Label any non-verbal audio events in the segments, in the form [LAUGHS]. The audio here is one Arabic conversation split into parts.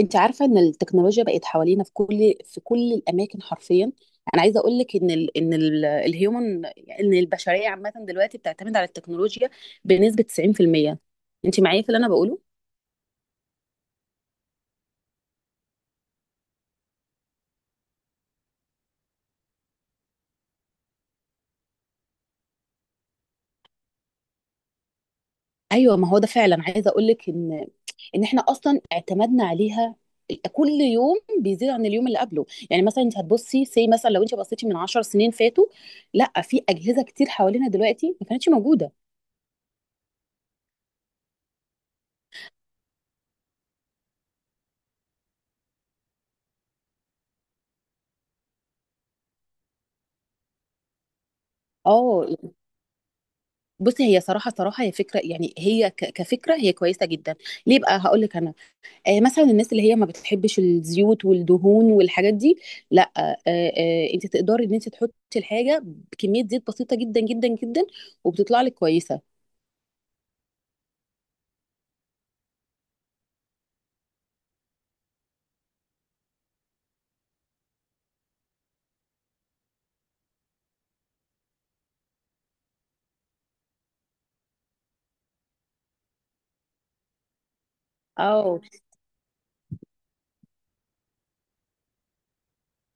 انت عارفه ان التكنولوجيا بقت حوالينا في كل الاماكن حرفيا. انا عايزه اقول لك ان ال ان ال الهيومن ان البشريه عامه دلوقتي بتعتمد على التكنولوجيا بنسبه 90%. انت معايا في اللي انا بقوله؟ ايوه، ما هو ده فعلا. عايزه اقول لك ان احنا اصلا اعتمدنا عليها، كل يوم بيزيد عن اليوم اللي قبله. يعني مثلا انت هتبصي سي، مثلا لو انت بصيتي من 10 سنين فاتوا، لا، في اجهزه كتير حوالينا دلوقتي ما كانتش موجوده. اه، بصي، هي صراحة صراحة هي فكرة. يعني هي كفكرة هي كويسة جدا. ليه بقى؟ هقول لك أنا. آه، مثلا الناس اللي هي ما بتحبش الزيوت والدهون والحاجات دي، لا أنت تقدري إن أنت تحطي الحاجة بكمية زيت بسيطة جدا جدا جدا وبتطلع لك كويسة. أو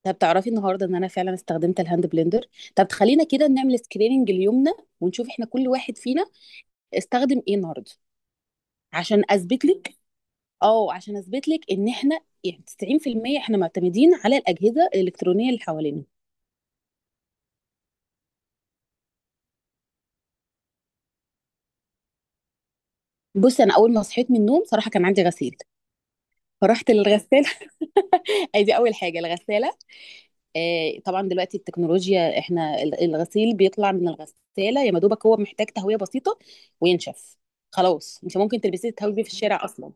طب تعرفي النهاردة إن أنا فعلا استخدمت الهاند بلندر؟ طب خلينا كده نعمل سكريننج اليومنا ونشوف إحنا كل واحد فينا استخدم إيه النهاردة عشان أثبت لك. اه، عشان اثبت لك ان احنا يعني 90% احنا معتمدين على الاجهزه الالكترونيه اللي حوالينا. بصي، انا اول ما صحيت من النوم صراحه كان عندي غسيل، فرحت للغساله. [LAUGHS] ادي اول حاجه الغساله. آه، طبعا دلوقتي التكنولوجيا احنا الغسيل بيطلع من الغساله يا مدوبك، هو محتاج تهويه بسيطه وينشف. خلاص انت ممكن تلبسيه تهوي بيه في الشارع اصلا.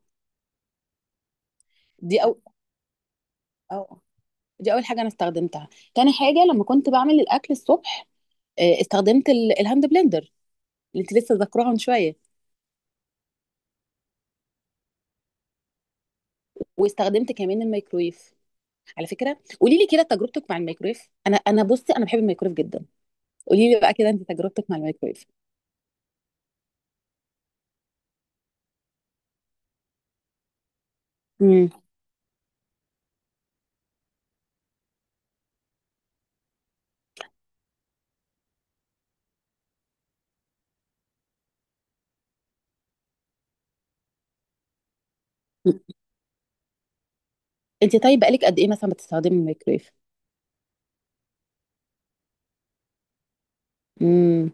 دي او أو دي اول حاجه انا استخدمتها. تاني حاجه لما كنت بعمل الاكل الصبح آه، استخدمت الهاند بلندر اللي انت لسه ذاكراها من شويه. واستخدمت كمان الميكرويف. على فكره، قولي لي كده تجربتك مع الميكرويف. انا بصي انا بحب الميكرويف جدا. قولي لي بقى كده انت تجربتك مع الميكرويف. امم. انت طيب بقالك قد ايه مثلا بتستخدمي الميكرويف؟ امم.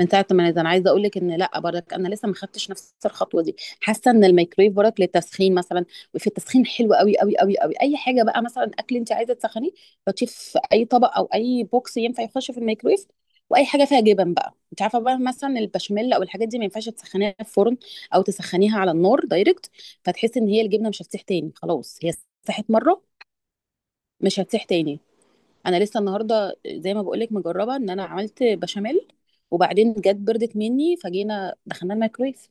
من ساعه ما ده انا عايزه اقول لك ان لا برك، انا لسه ما خدتش نفس الخطوه دي، حاسه ان الميكرويف برك للتسخين مثلا. وفي التسخين حلو قوي قوي قوي قوي. اي حاجه بقى مثلا اكل انت عايزه تسخنيه، حطيه في اي طبق او اي بوكس ينفع يخش في الميكرويف. واي حاجه فيها جبن بقى انت عارفه، بقى مثلا البشاميل او الحاجات دي ما ينفعش تسخنيها في فرن او تسخنيها على النار دايركت، فتحسي ان هي الجبنه مش هتسيح تاني. خلاص هي ساحت مره، مش هتسيح تاني. انا لسه النهارده زي ما بقولك مجربه ان انا عملت بشاميل وبعدين جت بردت مني فجينا دخلنا الميكرويف.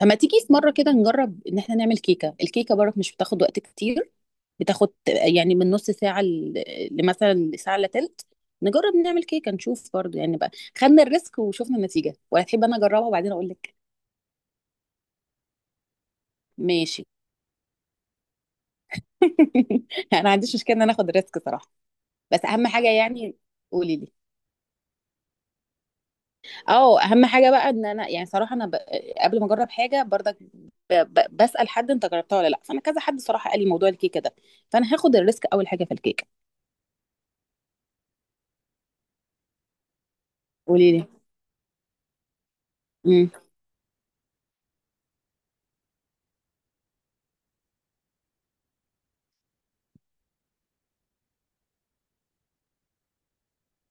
فما تيجي في مره كده نجرب ان احنا نعمل كيكه. الكيكه برك مش بتاخد وقت كتير، بتاخد يعني من نص ساعه لمثلا ساعه الا تلت. نجرب نعمل كيكه نشوف برضو يعني بقى خدنا الريسك وشوفنا النتيجه، ولا تحب انا اجربها وبعدين اقول لك؟ ماشي. [LAUGHS] انا ما عنديش مشكله ان انا اخد الريسك صراحه. بس اهم حاجه يعني. قولي لي. اه، اهم حاجه بقى ان انا يعني صراحه قبل ما اجرب حاجه برضك بسال حد انت جربتها ولا لا، فانا كذا حد صراحه قال لي موضوع الكيكه ده، فانا هاخد الريسك اول حاجه في الكيكه. قولي لي. امم.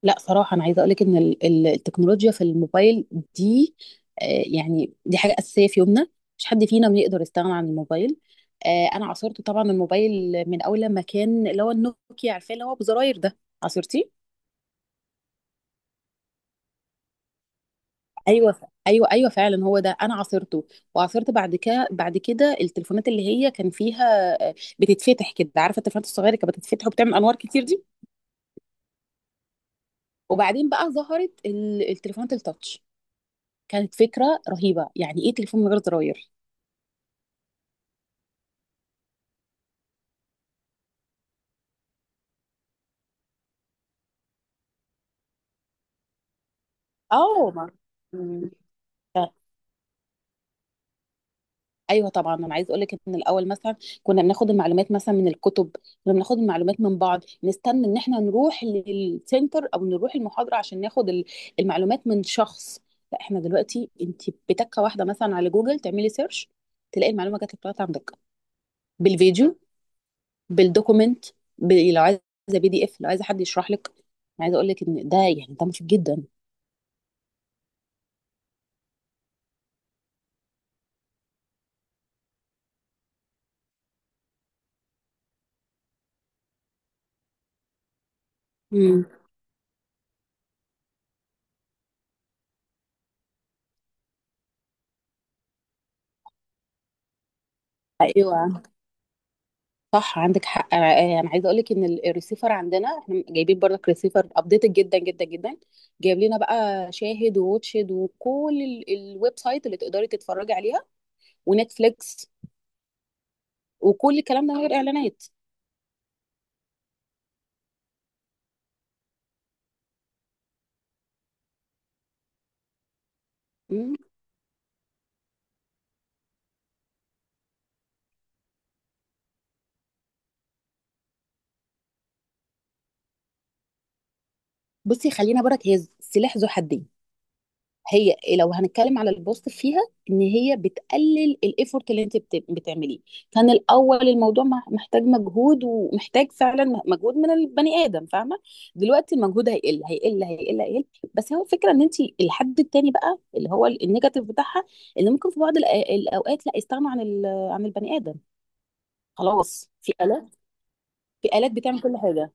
لا صراحه انا عايزه اقول لك ان التكنولوجيا في الموبايل دي آه، يعني دي حاجه اساسيه في يومنا. مش حد فينا بيقدر يستغنى عن الموبايل. آه، انا عاصرت طبعا الموبايل من اول لما كان اللي هو النوكيا عارفاه اللي هو بزراير ده. عصرتي؟ ايوه ايوه ايوه فعلا، هو ده انا عاصرته. وعاصرت بعد كده التليفونات اللي هي كان فيها آه، بتتفتح كده. عارفه التليفونات الصغيره اللي كانت بتتفتح وبتعمل انوار كتير دي؟ وبعدين بقى ظهرت التليفونات التاتش. كانت فكره رهيبه، يعني ايه تليفون من غير زراير؟ اه ما ايوه طبعا. انا عايز اقول لك ان الاول مثلا كنا بناخد المعلومات مثلا من الكتب. كنا بناخد المعلومات من بعض، نستنى ان احنا نروح للسنتر او نروح المحاضره عشان ناخد المعلومات من شخص. لا احنا دلوقتي انت بتكه واحده مثلا على جوجل تعملي سيرش تلاقي المعلومه جات لك لغايه عندك. بالفيديو، بالدوكومنت، ب- لو عايزه بي دي اف، لو عايزه حد يشرح لك. أنا عايزه اقول لك ان ده يعني ده مفيد جدا. مم. ايوه صح، عندك حق. انا أنا عايزه اقول لك ان الريسيفر عندنا، احنا جايبين برضك ريسيفر ابديتد جدا جدا جدا. جايب لنا بقى شاهد ووتشد وكل الويب سايت اللي تقدري تتفرجي عليها ونتفليكس وكل الكلام ده من غير اعلانات. مم. بصي خلينا برك، هي سلاح ذو حدين. هي إيه، لو هنتكلم على البوست فيها، ان هي بتقلل الايفورت اللي انت بتعمليه. كان الاول الموضوع محتاج مجهود ومحتاج فعلا مجهود من البني ادم، فاهمه. دلوقتي المجهود هيقل هيقل هيقل هيقل. بس هو فكره ان انت الحد التاني بقى اللي هو النيجاتيف بتاعها، ان ممكن في بعض الاوقات لا يستغنوا عن البني ادم. خلاص، في الات بتعمل كل حاجه.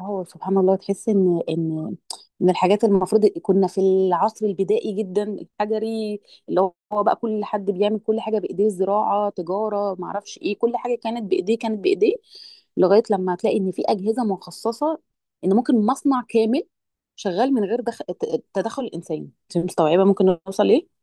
هو سبحان الله، تحس ان من الحاجات المفروض كنا في العصر البدائي جدا الحجري، اللي هو بقى كل حد بيعمل كل حاجه بايديه، زراعه، تجاره، ما اعرفش ايه، كل حاجه كانت بايديه كانت بايديه. لغايه لما تلاقي ان في اجهزه مخصصه، ان ممكن مصنع كامل شغال من غير تدخل الانسان. انت مستوعبه ممكن نوصل ليه؟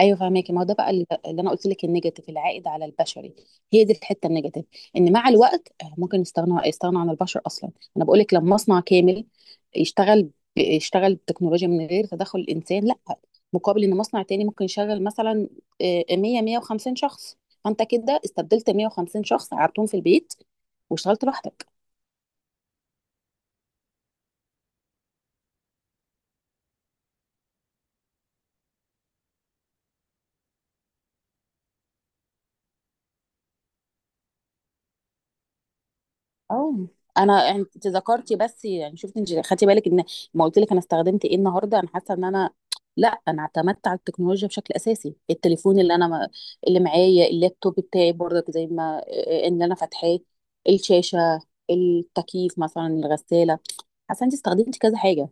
ايوه فهماكي. ما هو ده بقى اللي انا قلت لك، النيجاتيف العائد على البشري، هي دي الحته النيجاتيف، ان مع الوقت آه، ممكن يستغنوا عن البشر اصلا. انا بقول لك لما مصنع كامل يشتغل ب- يشتغل بتكنولوجيا من غير تدخل الانسان، لا، مقابل ان مصنع تاني ممكن يشغل مثلا آه، 100 150 شخص، فانت كده استبدلت 150 شخص قعدتهم في البيت واشتغلت لوحدك. اه، انا يعني انت ذكرتي بس، يعني شفت، انت خدتي بالك ان ما قلت لك انا استخدمت ايه النهارده؟ انا حاسه ان انا لا، انا اعتمدت على التكنولوجيا بشكل اساسي. التليفون، اللي انا ما... اللي معايا، اللابتوب بتاعي برضك زي ما ان انا فاتحاه، الشاشه، التكييف مثلا، الغساله. حاسه انت استخدمتي كذا حاجه.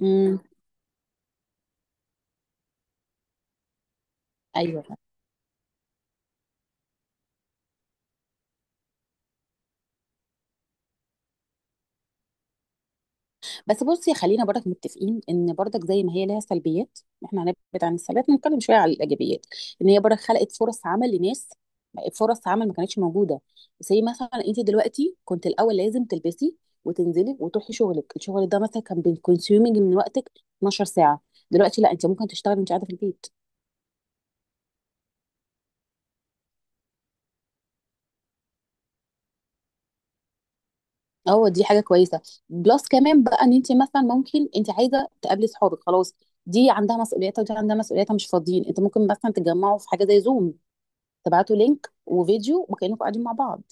امم. ايوه، بس بصي خلينا برضك متفقين ان برضك زي ما هي لها سلبيات، احنا هنبعد عن السلبيات نتكلم شويه على الايجابيات. ان هي برضك خلقت فرص عمل لناس، فرص عمل ما كانتش موجوده. زي مثلا انت دلوقتي، كنت الاول لازم تلبسي وتنزلي وتروحي شغلك. الشغل ده مثلا كان بيكونسيومينج من وقتك 12 ساعه. دلوقتي لا، انت ممكن تشتغلي وانت قاعده في البيت. اه دي حاجه كويسه. بلس كمان بقى ان انت مثلا ممكن انت عايزه تقابلي صحابك، خلاص، دي عندها مسؤولياتها ودي عندها مسؤولياتها، مش فاضيين، انت ممكن مثلا تتجمعوا في حاجه زي زوم، تبعتوا لينك وفيديو وكانكم قاعدين مع بعض.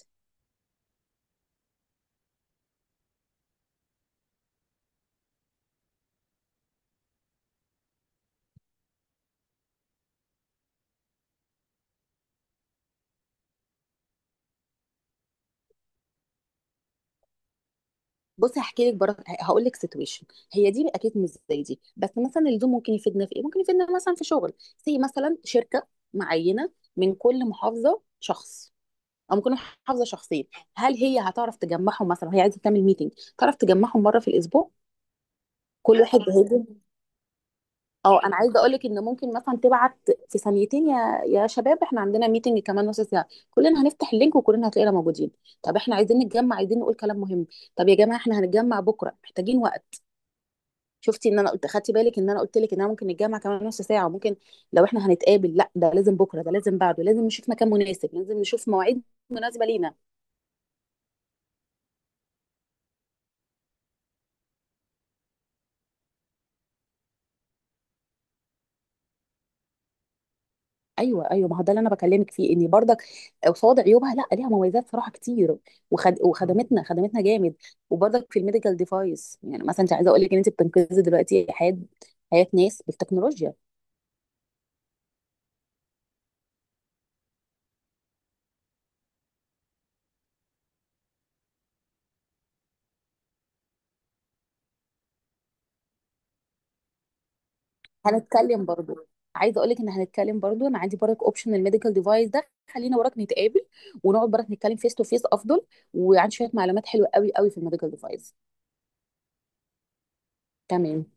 بصي هحكي لك برضه هقول لك سيتويشن. هي دي اكيد مش زي دي، بس مثلا الزوم ممكن يفيدنا في ايه؟ ممكن يفيدنا مثلا في شغل، زي مثلا شركه معينه من كل محافظه شخص او ممكن محافظه شخصين. هل هي هتعرف تجمعهم مثلا وهي عايزه تعمل ميتنج؟ تعرف تجمعهم مره في الاسبوع؟ كل واحد هيجي. اه، انا عايزه اقول لك ان ممكن مثلا تبعت في ثانيتين يا شباب، احنا عندنا ميتنج كمان نص ساعه، كلنا هنفتح اللينك وكلنا هتلاقينا موجودين. طب احنا عايزين نتجمع، عايزين نقول كلام مهم. طب يا جماعه احنا هنتجمع بكره، محتاجين وقت. شفتي ان انا قلت، خدتي بالك ان انا قلت لك ان انا ممكن نتجمع كمان نص ساعه؟ وممكن لو احنا هنتقابل لا، ده لازم بكره، ده لازم بعده، لازم نشوف مكان مناسب، لازم نشوف مواعيد مناسبه لينا. ايوه ايوه، ما هو ده اللي انا بكلمك فيه، ان برضك قصاد عيوبها لا ليها مميزات صراحه كتير، وخدمتنا جامد. وبرضك في الميديكال ديفايس، يعني مثلا انت عايزه اقول لك ان انت بتنقذي دلوقتي حياه ناس بالتكنولوجيا. هنتكلم برضو، عايزه اقول لك ان هنتكلم برضو، انا عندي برضك اوبشن الميديكال ديفايس ده. خلينا وراك نتقابل ونقعد برضك نتكلم فيس تو فيس افضل. وعندي شويه معلومات حلوه قوي قوي في الميديكال ديفايس. تمام.